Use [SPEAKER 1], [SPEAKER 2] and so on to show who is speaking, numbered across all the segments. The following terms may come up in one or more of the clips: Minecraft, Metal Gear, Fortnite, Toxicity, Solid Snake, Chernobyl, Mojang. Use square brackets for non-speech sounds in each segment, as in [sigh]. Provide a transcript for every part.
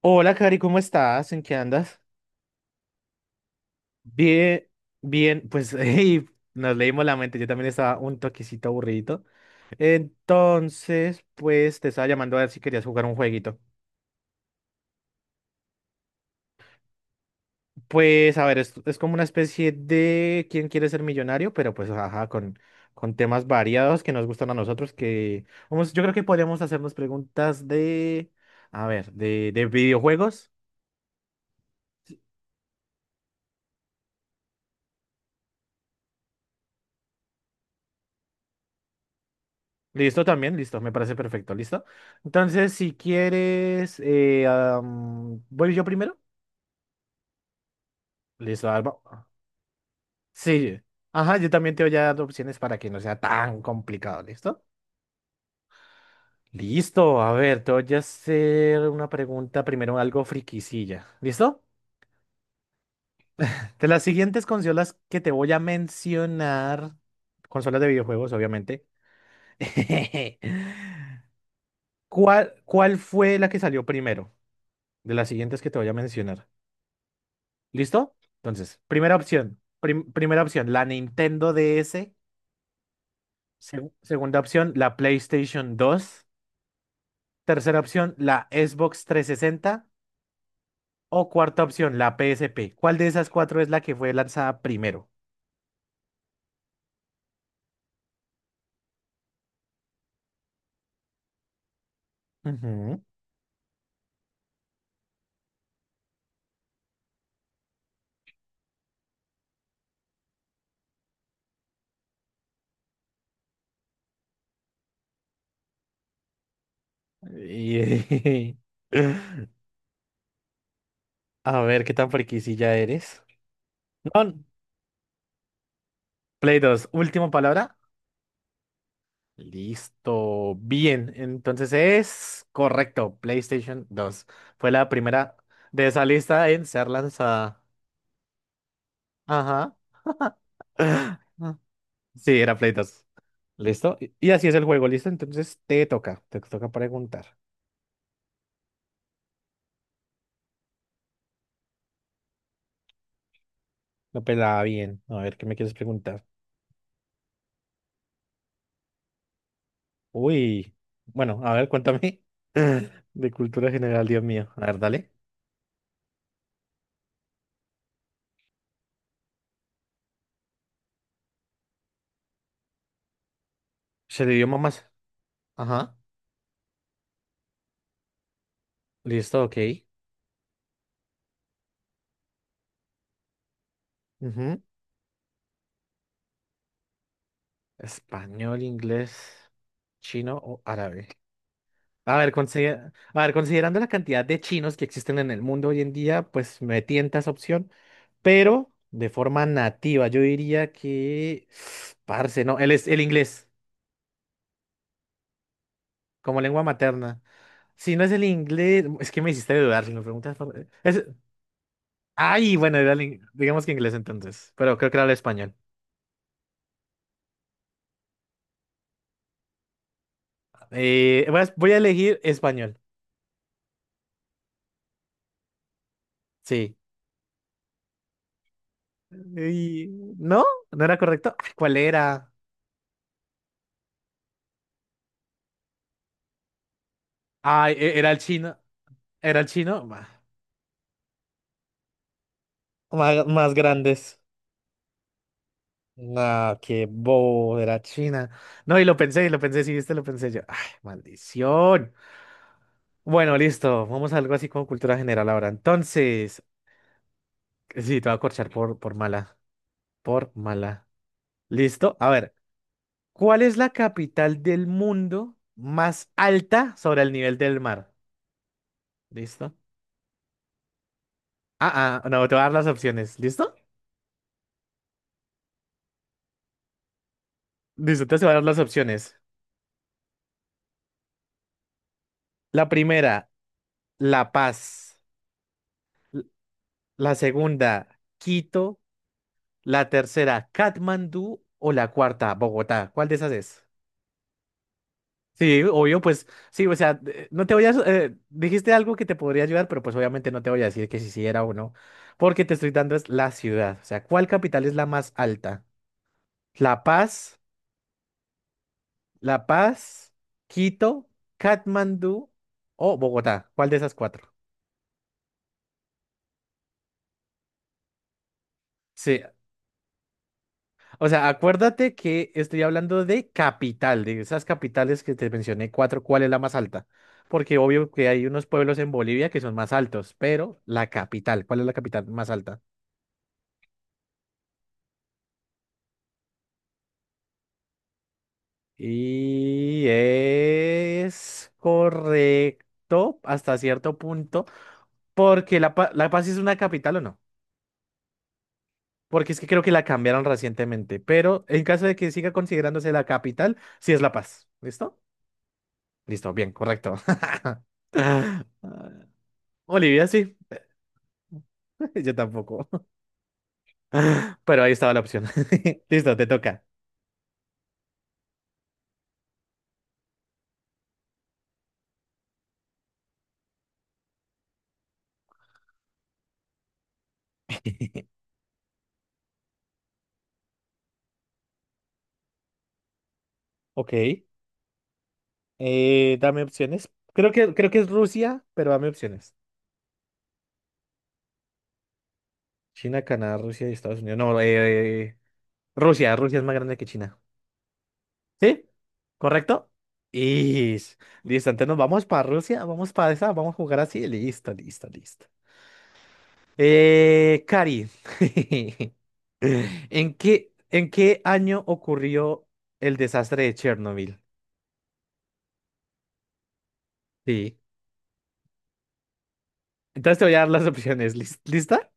[SPEAKER 1] Hola, Cari, ¿cómo estás? ¿En qué andas? Bien, bien, pues [laughs] hey, nos leímos la mente, yo también estaba un toquecito aburrido. Entonces, pues te estaba llamando a ver si querías jugar un jueguito. Pues a ver, es como una especie de ¿Quién quiere ser millonario? Pero pues ajá, con temas variados que nos gustan a nosotros, que vamos, yo creo que podríamos hacernos preguntas de, a ver, de videojuegos. Listo también, listo, me parece perfecto, listo. Entonces, si quieres, voy yo primero. Listo, Alba. Sí, ajá, yo también te voy a dar opciones para que no sea tan complicado, ¿listo? Listo, a ver, te voy a hacer una pregunta primero, algo friquisilla, ¿listo? De las siguientes consolas que te voy a mencionar, consolas de videojuegos, obviamente. [laughs] ¿Cuál fue la que salió primero? De las siguientes que te voy a mencionar. ¿Listo? Entonces, primera opción, primera opción, la Nintendo DS. Segunda opción, la PlayStation 2. Tercera opción, la Xbox 360. O cuarta opción, la PSP. ¿Cuál de esas cuatro es la que fue lanzada primero? Ujú. Y- [laughs] A ver, ¿qué tan friquisilla eres? No, Play 2. Última palabra. Listo. Bien, entonces es correcto. PlayStation 2 fue la primera de esa lista en ser lanzada. Ajá. [gasps] [laughs] Sí, era Play 2. ¿Listo? Y así es el juego, ¿listo? Entonces te toca preguntar. Lo pelaba bien. A ver, ¿qué me quieres preguntar? Uy. Bueno, a ver, cuéntame. [laughs] De cultura general, Dios mío. A ver, dale. Se le dio más. Ajá. Listo, ok. Ujú. Español, inglés, chino o árabe. A ver, a ver, considerando la cantidad de chinos que existen en el mundo hoy en día, pues me tienta esa opción, pero de forma nativa, yo diría que, [sighs] parce, no, el inglés como lengua materna. Si no es el inglés, es que me hiciste dudar, si me preguntas por... Ay, bueno, era el digamos que inglés entonces, pero creo que era el español. Voy a elegir español, sí. Y- ¿No? ¿No era correcto? Ah, ¿cuál era? Ay, era el chino. ¿Era el chino? Bah. Más grandes. No, qué bobo, era China. No, y lo pensé, sí, viste, lo pensé yo. Ay, maldición. Bueno, listo, vamos a algo así como cultura general ahora. Entonces, sí, te voy a corchar por mala, por mala. Listo, a ver, ¿cuál es la capital del mundo más alta sobre el nivel del mar? ¿Listo? Ah, ah, no, te voy a dar las opciones, ¿listo? Listo, entonces te voy a dar las opciones. La primera, La Paz. L- La segunda, Quito. La tercera, Katmandú. O la cuarta, Bogotá. ¿Cuál de esas es? Sí, obvio, pues sí, o sea, no te voy a... dijiste algo que te podría ayudar, pero pues obviamente no te voy a decir que si sí era o no, porque te estoy dando es la ciudad. O sea, ¿cuál capital es la más alta? La Paz, La Paz, Quito, Katmandú o Bogotá. ¿Cuál de esas cuatro? Sí, o sea, acuérdate que estoy hablando de capital, de esas capitales que te mencioné cuatro, ¿cuál es la más alta? Porque obvio que hay unos pueblos en Bolivia que son más altos, pero la capital, ¿cuál es la capital más alta? Y es correcto hasta cierto punto, porque La Paz es una capital o no, porque es que creo que la cambiaron recientemente, pero en caso de que siga considerándose la capital, sí es La Paz, ¿listo? Listo, bien, correcto. [laughs] Ah, Bolivia, sí. Yo tampoco. [laughs] Pero ahí estaba la opción. [laughs] Listo, te toca. [laughs] Ok. Dame opciones. Creo que es Rusia, pero dame opciones. China, Canadá, Rusia y Estados Unidos. No, Rusia. Rusia es más grande que China. ¿Sí? ¿Correcto? Y listo, entonces nos vamos para Rusia, vamos para esa, vamos a jugar así. Listo, listo, listo. Cari, [laughs] ¿en qué año ocurrió el desastre de Chernobyl? Sí. Entonces te voy a dar las opciones. ¿Lista?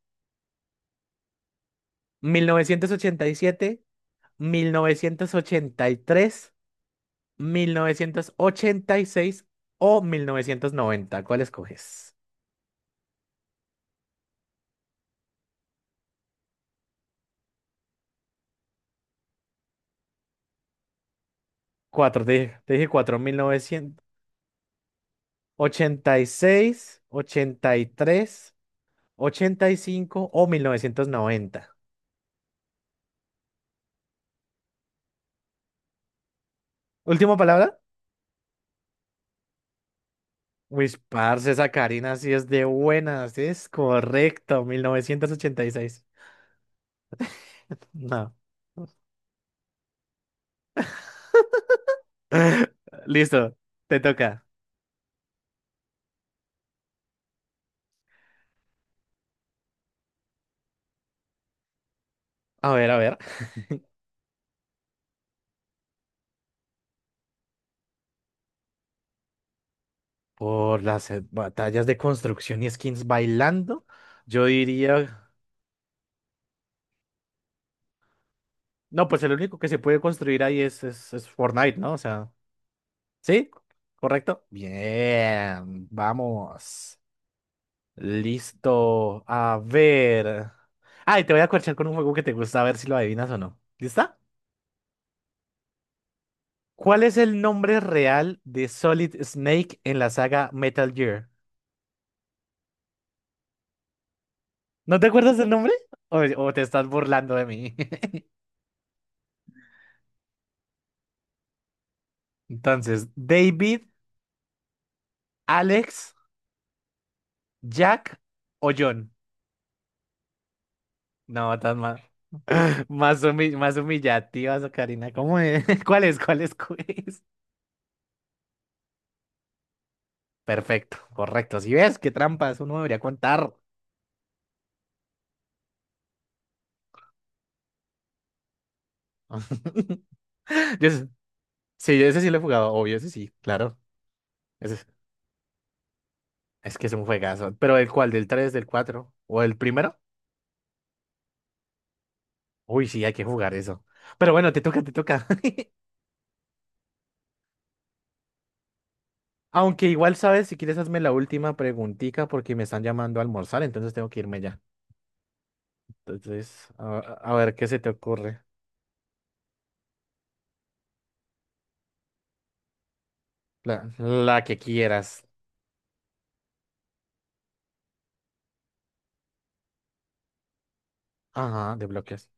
[SPEAKER 1] 1987, 1983, 1986 o 1990. ¿Cuál escoges? Cuatro, te dije cuatro. 1986, ochenta y tres, ochenta y cinco o 1990. ¿Última palabra? Uy, parce, esa Karina sí es de buenas. Sí, es correcto, 1986. No. [laughs] Listo, te toca. A ver, a ver. Por las batallas de construcción y skins bailando, yo diría. No, pues el único que se puede construir ahí es, es Fortnite, ¿no? O sea, ¿sí? ¿Correcto? Bien, vamos. Listo. A ver. Ay, te voy a corchar con un juego que te gusta, a ver si lo adivinas o no. ¿Lista? ¿Cuál es el nombre real de Solid Snake en la saga Metal Gear? ¿No te acuerdas del nombre? ¿O o te estás burlando de mí? [laughs] Entonces, ¿David, Alex, Jack o John? No, tan más, más humillativas, Karina. ¿Cómo es? [laughs] ¿Cuál es? ¿Cuál es? ¿Cuál es? Perfecto, correcto. Si ves qué trampas uno debería contar. [laughs] Yo ese- sí, yo ese sí lo he jugado, obvio, ese sí, claro. Ese es que es un juegazo. Pero ¿el cuál? ¿Del 3, del 4 o el primero? Uy, sí, hay que jugar eso. Pero bueno, te toca, te toca. [laughs] Aunque igual sabes, si quieres hazme la última preguntica porque me están llamando a almorzar, entonces tengo que irme ya. Entonces, a ver qué se te ocurre. La que quieras. Ajá, de bloques.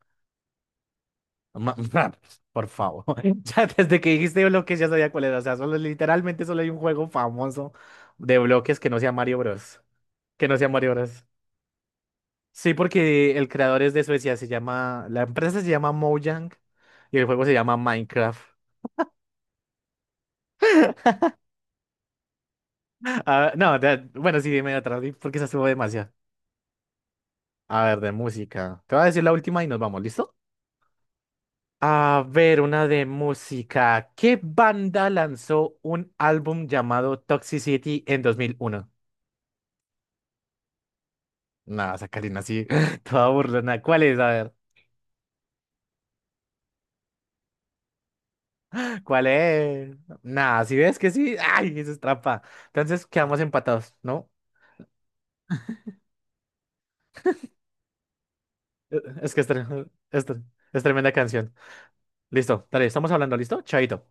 [SPEAKER 1] Ma- [laughs] por favor. [laughs] Ya desde que dijiste bloques ya sabía cuál era. O sea, solo, literalmente solo hay un juego famoso de bloques que no sea Mario Bros. Que no sea Mario Bros. Sí, porque el creador es de Suecia. Se llama. La empresa se llama Mojang y el juego se llama Minecraft. [laughs] Ah, no, bueno, sí, dime otra, porque se estuvo demasiado. A ver, de música. Te voy a decir la última y nos vamos, ¿listo? A ver, una de música. ¿Qué banda lanzó un álbum llamado Toxicity en 2001? Nada, Sacarina, así, [laughs] toda burlona. ¿Cuál es? A ver, ¿cuál es? Nada, si ves que sí, ay, eso es trampa. Entonces quedamos empatados, ¿no? Eh, Es que es, [laughs] es tremenda canción. Listo, dale, estamos hablando, ¿listo? Chaito.